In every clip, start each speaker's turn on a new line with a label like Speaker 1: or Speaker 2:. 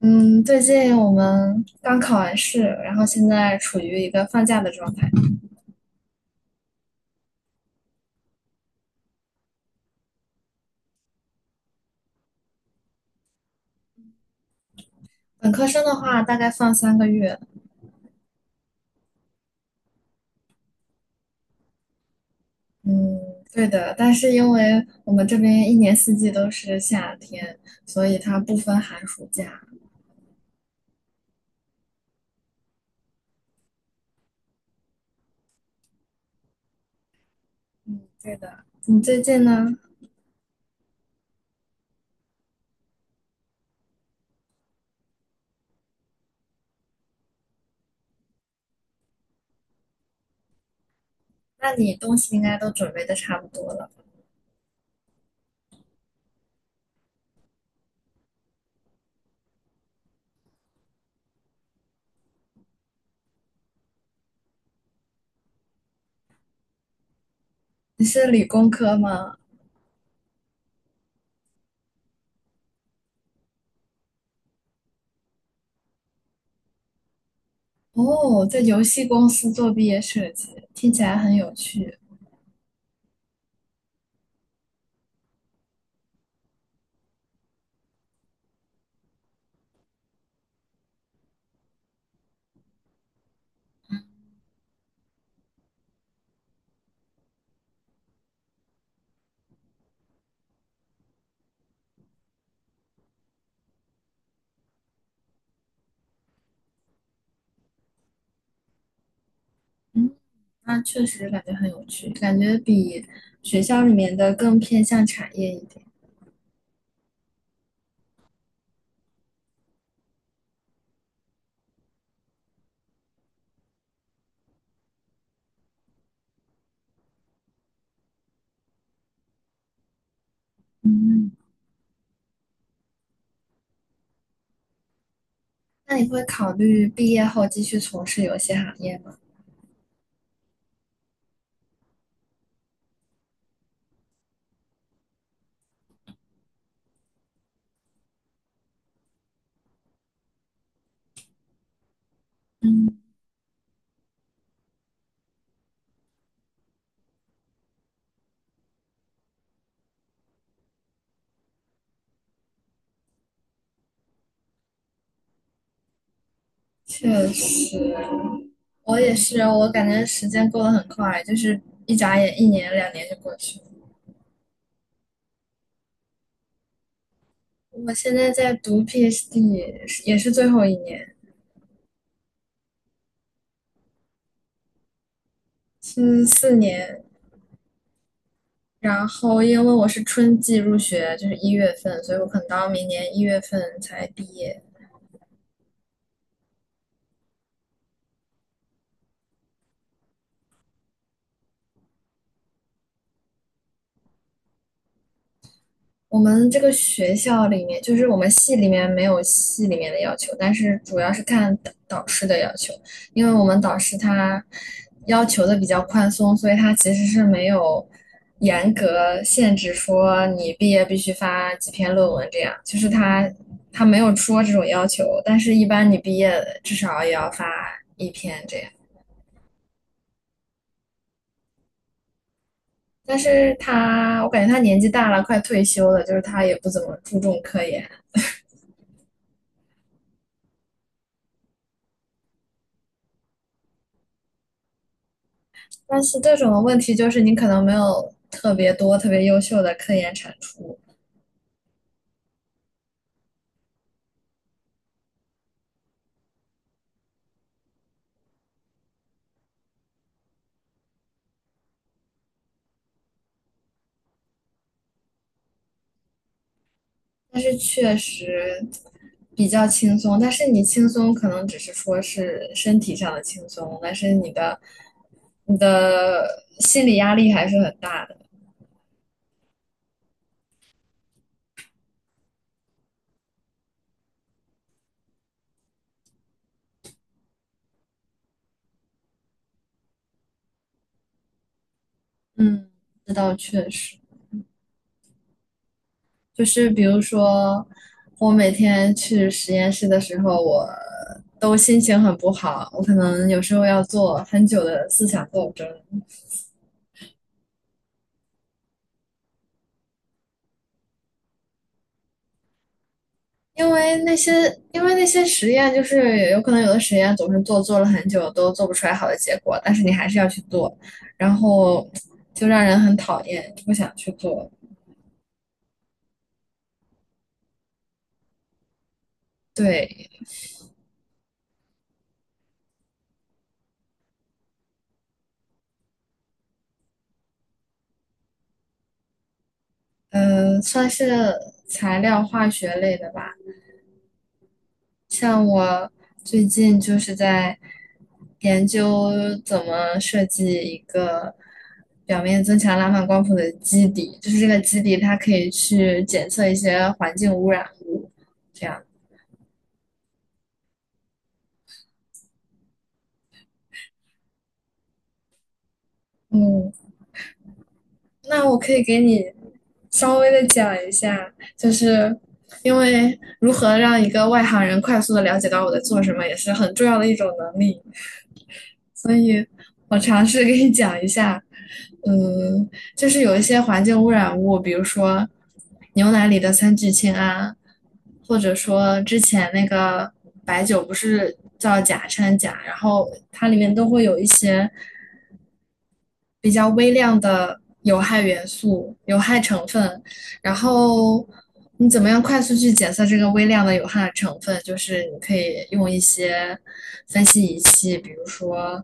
Speaker 1: 嗯，最近我们刚考完试，然后现在处于一个放假的状态。本科生的话，大概放3个月。嗯，对的。但是因为我们这边一年四季都是夏天，所以它不分寒暑假。嗯，对的。你最近呢？那你东西应该都准备的差不多了。你是理工科吗？哦，在游戏公司做毕业设计，听起来很有趣。嗯，那确实感觉很有趣，感觉比学校里面的更偏向产业一点。嗯，那你会考虑毕业后继续从事游戏行业吗？嗯，确实，我也是，我感觉时间过得很快，就是一眨眼一年两年就过去了。我现在在读 PhD，也是最后一年，是4年。然后因为我是春季入学，就是一月份，所以我可能到明年一月份才毕业。我们这个学校里面，就是我们系里面没有系里面的要求，但是主要是看导师的要求，因为我们导师他要求的比较宽松，所以他其实是没有严格限制说你毕业必须发几篇论文这样，就是他没有说这种要求，但是一般你毕业至少也要发一篇这样。但是他，我感觉他年纪大了，快退休了，就是他也不怎么注重科研。但是这种问题就是你可能没有特别多、特别优秀的科研产出，但是确实比较轻松。但是你轻松可能只是说是身体上的轻松，但是你的心理压力还是很大的。嗯，这倒确实，就是比如说我每天去实验室的时候，我都心情很不好，我可能有时候要做很久的思想斗争。因为那些，因为那些实验，就是有可能有的实验总是做了很久都做不出来好的结果，但是你还是要去做，然后就让人很讨厌，就不想去做。对，算是材料化学类的吧。像我最近就是在研究怎么设计一个表面增强拉曼光谱的基底，就是这个基底它可以去检测一些环境污染物，这样。嗯，那我可以给你稍微的讲一下，就是因为如何让一个外行人快速的了解到我在做什么，也是很重要的一种能力。所以我尝试给你讲一下，嗯，就是有一些环境污染物，比如说牛奶里的三聚氰胺，或者说之前那个白酒不是叫甲掺钾，然后它里面都会有一些比较微量的有害元素、有害成分，然后你怎么样快速去检测这个微量的有害成分？就是你可以用一些分析仪器，比如说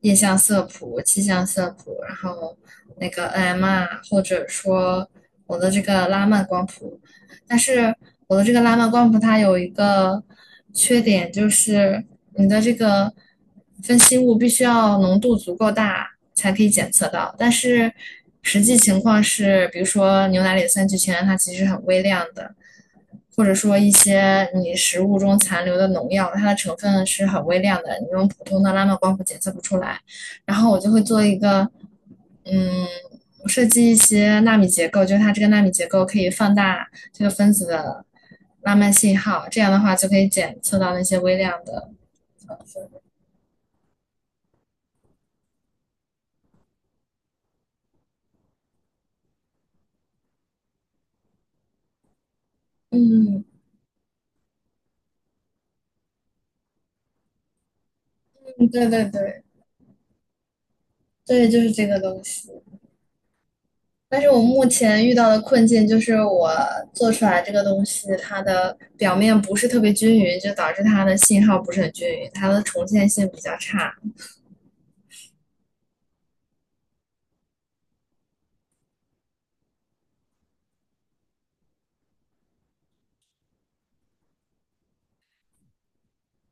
Speaker 1: 液相色谱、气象色谱，然后那个 NMR，或者说我的这个拉曼光谱，但是我的这个拉曼光谱它有一个缺点，就是你的这个分析物必须要浓度足够大才可以检测到。但是实际情况是，比如说牛奶里的三聚氰胺，它其实很微量的，或者说一些你食物中残留的农药，它的成分是很微量的，你用普通的拉曼光谱检测不出来。然后我就会做一个，嗯，我设计一些纳米结构，就是它这个纳米结构可以放大这个分子的拉曼信号，这样的话就可以检测到那些微量的。嗯嗯，对对对对，就是这个东西。但是我目前遇到的困境就是我做出来这个东西，它的表面不是特别均匀，就导致它的信号不是很均匀，它的重现性比较差。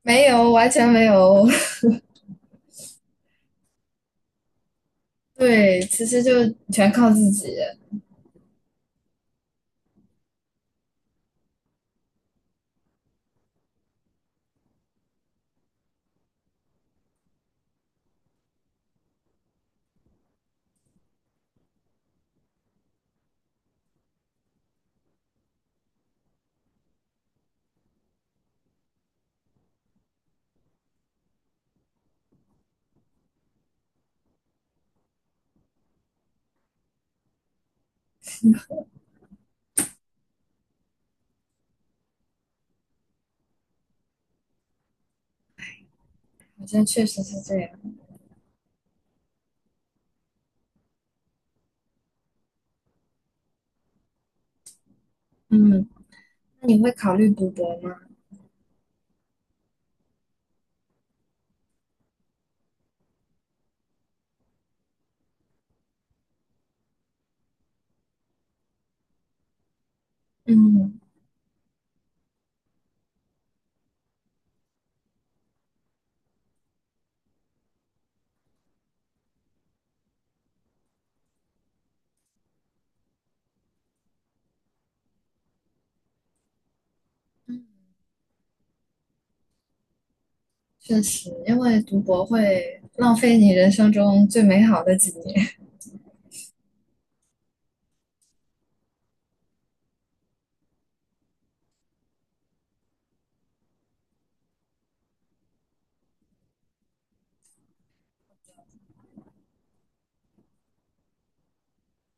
Speaker 1: 没有，完全没有。对，其实就全靠自己，好像确实是这样。嗯，那你会考虑读博吗？嗯，确实，因为读博会浪费你人生中最美好的几年。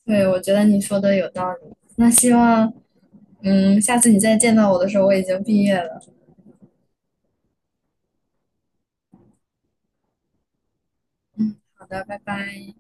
Speaker 1: 对，我觉得你说的有道理。那希望，嗯，下次你再见到我的时候，我已经毕业了。嗯，好的，拜拜。